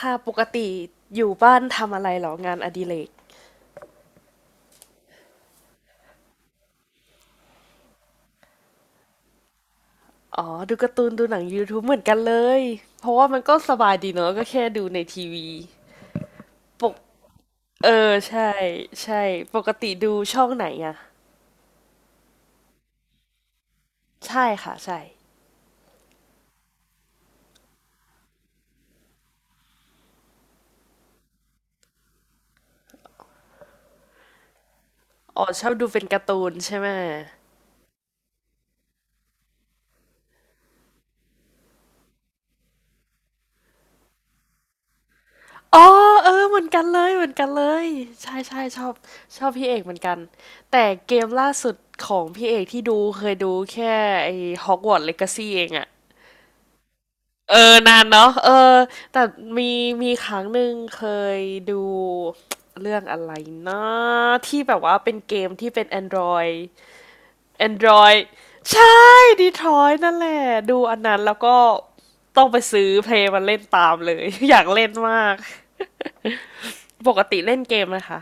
ค่ะปกติอยู่บ้านทำอะไรเหรองานอดิเรกอ๋อดูการ์ตูนดูหนัง YouTube เหมือนกันเลยเพราะว่ามันก็สบายดีเนอะก็แค่ดูในทีวีปกเออใช่ใช่ปกติดูช่องไหนอะใช่ค่ะใช่อ๋อชอบดูเป็นการ์ตูนใช่ไหมอ๋อเออเหมือนกันเลยเหมือนกันเลยใช่ใช่ชอบชอบพี่เอกเหมือนกันแต่เกมล่าสุดของพี่เอกที่ดูเคยดูแค่ไอ้ Hogwarts Legacy เองอะ เออนานเนาะเออแต่มีครั้งหนึ่งเคยดู เรื่องอะไรนะที่แบบว่าเป็นเกมที่เป็น Android Android ใช่ Detroit นั่นแหละดูอันนั้นแล้วก็ต้องไปซื้อเพลงมันเล่นตามเลย อยากเล่นมากปกติเล่นเกมไหมคะ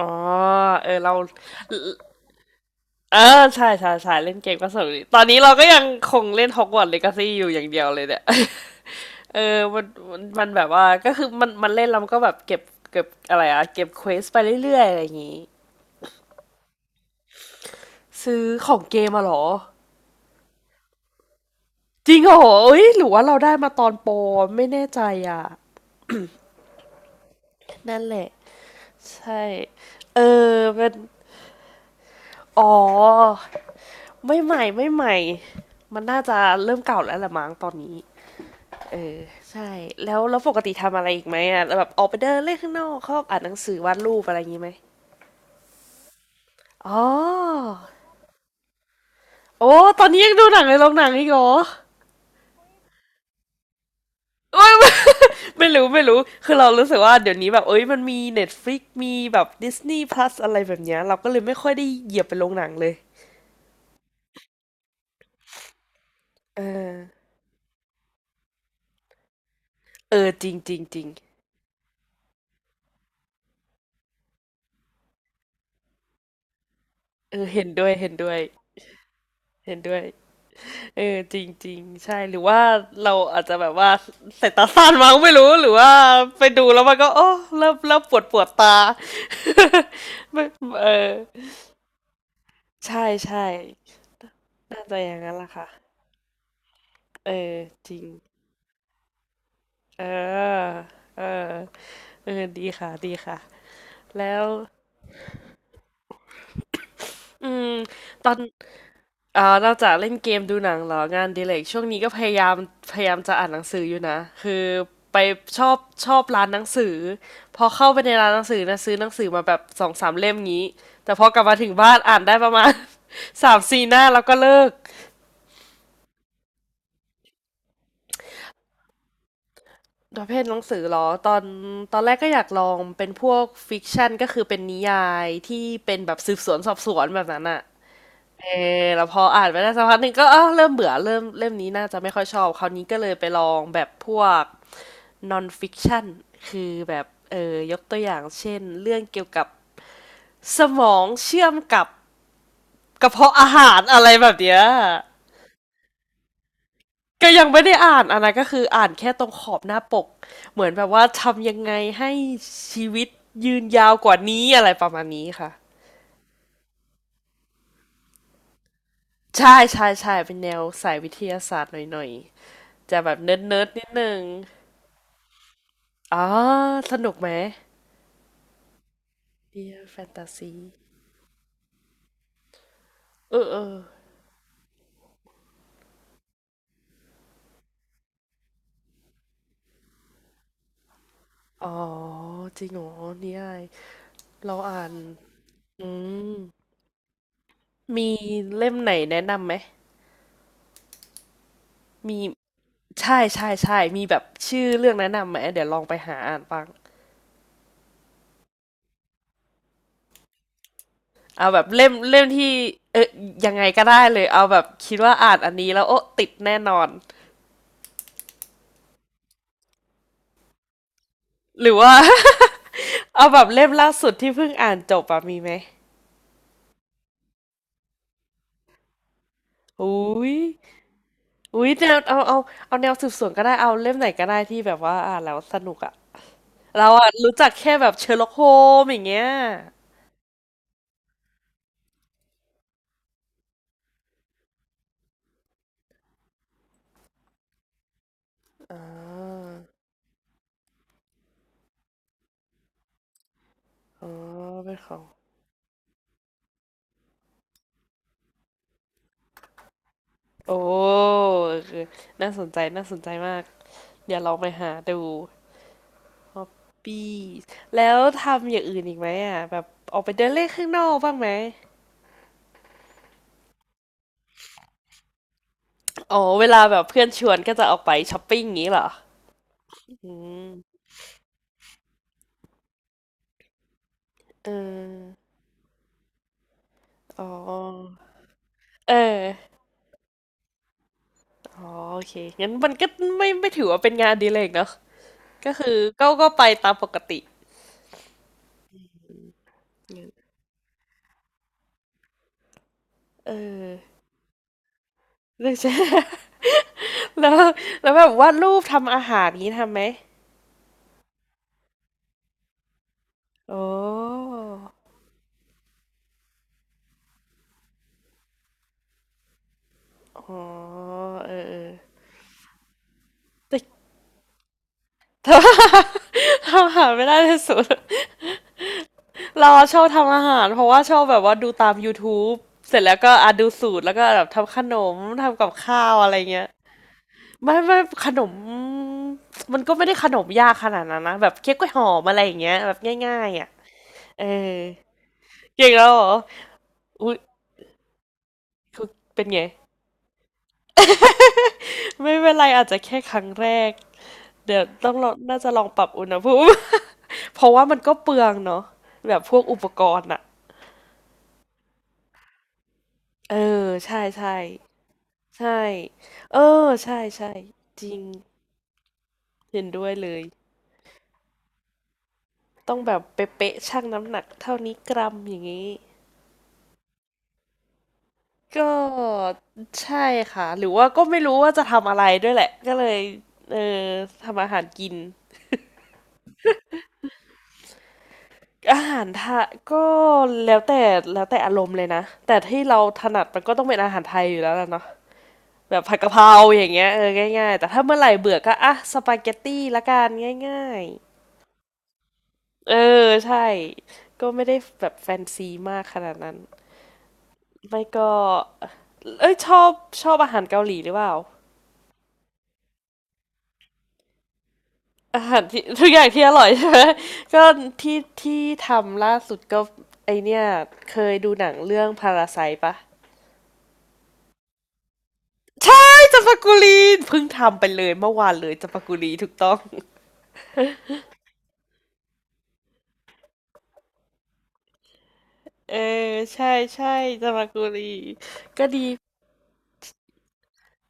อ๋อเออเราเออใช่ใช่ใช่เล่นเกมก็สนุกดีตอนนี้เราก็ยังคงเล่นฮอกวอต t s เลกาซี่อยู่อย่างเดียวเลยเนี่ย เออมันแบบว่าก็คือมันเล่นแล้วมันก็แบบเก็บเก็บอะไรอะเก็บเควสไปเรื่อยๆอะไรอย่างงี้ซื้อของเกมมาเหรอจริงเหรอเอ้ยหรือว่าเราได้มาตอนโปรไม่แน่ใจอ่ะนั่นแหละใช่ เออเป็นอ๋อไม่ใหม่มันน่าจะเริ่มเก่าแล้วละมั้งตอนนี้ เออ ใช่แล้วปกติทำอะไรอีกไหมอ่ะแบบออกไปเดินเล่นข้างนอกชอบอ่านหนังสือวาดรูปอะไรอย่างงี้ไหมอ๋อ โอ้ตอนนี้ยังดูหนังในโรงหนังอีกเหรอไม่ ไม่รู้คือเรารู้สึกว่าเดี๋ยวนี้แบบเอ้ยมันมี Netflix มีแบบ Disney Plus อะไรแบบเนี้ยเราก็เลยไม่ค่อยได้เหยียบไปโรงหนังเลยเออเออจริงจริงจริงเออเห็นด้วยเห็นด้วยเออจริงจริงใช่หรือว่าเราอาจจะแบบว่าสายตาสั้นมั้งไม่รู้หรือว่าไปดูแล้วมันก็โอ้เริ่มปวดปวดตา ไม่เออใช่ใช่น่าจะอย่างนั้นล่ะค่ะเออจริง เออ เออ เออ ดีค่ะ ดีค่ะ แล้วอืมตอนอ่านอกจากเล่นเกมดูหนังเหรองานอดีเลกช่วงนี้ก็พยายามจะอ่านหนังสืออยู่นะ คือไปชอบชอบร้านหนังสือพอเข้าไปในร้านหนังสือนะซื้อหนังสือมาแบบสองสามเล่มงี้แต่พอกลับมาถึงบ้านอ่านได้ประมาณ สามสี่หน้าแล้วก็เลิกประเภทหนังสือเหรอตอนแรกก็อยากลองเป็นพวกฟิกชันก็คือเป็นนิยายที่เป็นแบบสืบสวนสอบสวนแบบนั้นอะ เออแล้วพออ่านไปได้สักพักหนึ่งก็อ้าวเริ่มเบื่อเริ่มเล่มนี้น่าจะไม่ค่อยชอบคราวนี้ก็เลยไปลองแบบพวก non fiction คือแบบเออยกตัวอย่างเช่นเรื่องเกี่ยวกับสมองเชื่อมกับกระเพาะอาหารอะไรแบบเนี้ยก็ยังไม่ได้อ่านอันนั้นก็คืออ่านแค่ตรงขอบหน้าปกเหมือนแบบว่าทำยังไงให้ชีวิตยืนยาวกว่านี้อะไรประมาณนี้ค่ะใช่ใช่ใช่เป็นแนวสายวิทยาศาสตร์หน่อยๆจะแบบเนิร์ดๆนิดหนึง อ๋อสนุกไหม Dear Fantasy เออเอออ๋อจริงเหรอนี่ไอายเราอ่านอืมมีเล่มไหนแนะนำไหมมีใช่ใช่ใช่มีแบบชื่อเรื่องแนะนำไหมเดี๋ยวลองไปหาอ่านบ้างเอาแบบเล่มที่เออยังไงก็ได้เลยเอาแบบคิดว่าอ่านอันนี้แล้วโอ๊ะติดแน่นอนหรือว่า เอาแบบเล่มล่าสุดที่เพิ่งอ่านจบอะมีไหมอุ้ย อุ้ยแนวเอาเอาแนวสืบสวนก็ได้เอาเล่มไหนก็ได้ที่แบบว่าอ่านแล้วสนุกอะเราอะรู้จักแค่แบบเชอร์ล็อกโฮมอย่างเงี้ยอ่าอ๋อเป็นของโอ้คือน่าสนใจมากเดี๋ยวลองไปหาดูฮอปปี้แล้วทำอย่างอื่นอีกไหมอะแบบออกไปเดินเล่นข้างนอกบ้างไหมอ๋อเวลาแบบเพื่อนชวนก็จะออกไปช้อปปิ้งอย่างงี้เหรออืมเอออ๋อเออ อ๋อโอเคงั้นมันก็ไม่ถือว่าเป็นงานอดีเลกเนอะก็คือก็ไปตามปกติเออเรืใช่ แล้วแบบวาดรูปทำอาหารนี้ทำไหมโอ้อ๋อเออเออแต่ทำ ทำอาหารไม่ได้ที่สุดเราชอบทำอาหารเพราะว่าชอบแบบว่าดูตาม YouTube เสร็จแล้วก็อ่ะดูสูตรแล้วก็แบบทำขนมทำกับข้าวอะไรเงี้ย ไม่ขนม มันก็ไม่ได้ขนมยากขนาดนั้นนะแบบเค้กกล้วยหอมอะไรอย่างเงี้ยแบบง่ายๆอ่ะเออเก่งแล้วเหรออุ้ยคือเป็นไงไม่เป็นไรอาจจะแค่ครั้งแรกเดี๋ยวต้องลองน่าจะลองปรับอุณหภูมิ เพราะว่ามันก็เปลืองเนาะแบบพวกอุปกรณ์อ่ะเออใช่ใช่ใช่เออใช่ใช่จริงเห็นด้วยเลยต้องแบบเป๊ะๆชั่งน้ำหนักเท่านี้กรัมอย่างงี้ ก็ใช่ค่ะหรือว่าก็ไม่รู้ว่าจะทำอะไรด้วยแหละก็เลยเออทำอาหารกินอาหารไทะก็แล้วแต่แล้วแต่อารมณ์เลยนะแต่ที่เราถนัดมันก็ต้องเป็นอาหารไทยอยู่แล้วล่ะเนาะแบบผัดกะเพราอย่างเงี้ยเออง่ายๆแต่ถ้าเมื่อไหร่เบื่อก็อ่ะสปาเกตตี้ละกันง่ายๆเออใช่ก็ไม่ได้แบบแฟนซีมากขนาดนั้นไม่ก็เอ้ยชอบชอบอาหารเกาหลีหรือเปล่า อาหารที่ทุกอย่างที่อร่อยใช่ไหม ก็ที่ที่ทำล่าสุดก็ไอเนี่ยเคยดูหนังเรื่องพาราไซปะใช่จัมปากุลีเพิ่งทำไปเลยเมื่อวานเลยจัมปากุลีถูกต้องเออใช่ใช่จัมปากุลีก็ดี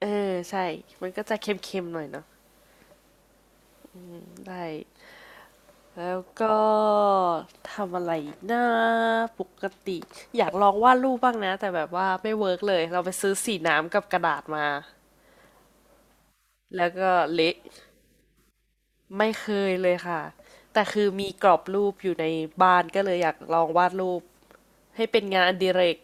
เออใช่มันก็จะเค็มๆหน่อยเนาะได้แล้วก็ทำอะไรอีกนะปกติอยากลองวาดรูปบ้างนะแต่แบบว่าไม่เวิร์กเลยเราไปซื้อสีน้ำกับกระดาษมาแล้วก็เละ ไม่เคยเลยค่ะแต่คือมีกรอบรูปอยู่ในบ้านก็เลยอยากลองวาดรูปให้เป็นงานอดิเรก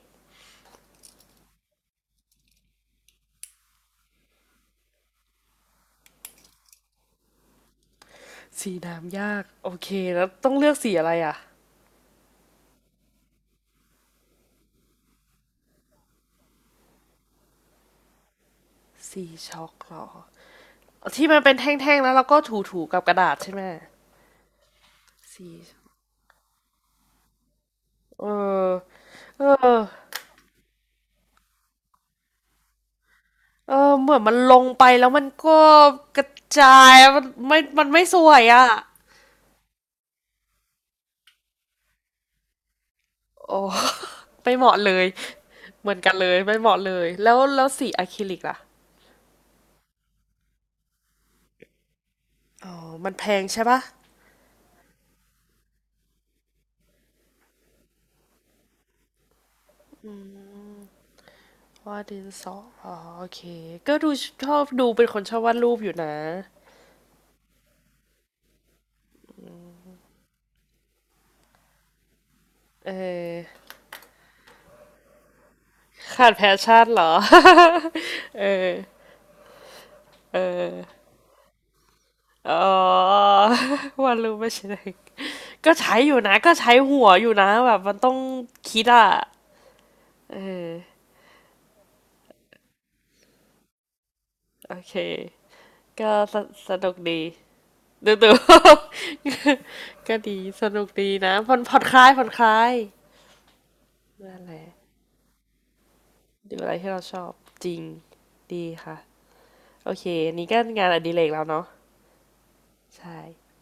สีน้ำยากโอเคแล้วต้องเลือกสีอะไรอ่ะสีช็อกเหรอที่มันเป็นแท่งๆแล้วเราก็ถูๆกับกระดาษใช่ไหมสีช็อกเออเออเออเหมือนมันลงไปแล้วมันก็กระจายมันไม่มันไม่สวยอ่ะโอ้ไม่เหมาะเลยเหมือนกันเลยไม่เหมาะเลยแล้วแล้วสีอะคริลิกล่ะอ๋อมันแพงใช่ปะ วาดดินสออ๋อโอเค ก็ดูชอบดูเป็นคนชอบวาดรูปอยู่นะเออขาดแพชชั่นเหรอ เออเอออ๋อ วาดรูปไม่ใช่เด็กก็ใช้อยู่นะก็ใช้หัวอยู่นะแบบมันต้องคิดอ่ะเออโอเคก็สสนุกดีดูดู ก็ดีสนุกดีนะผ่อนผ่อนคลายผ่อนคลายนั่นแหละดูอะไรที่เราชอบจริงดีค่ะ โอเคอันนี้ก็งานอดิเรกแล้วเนาะใช่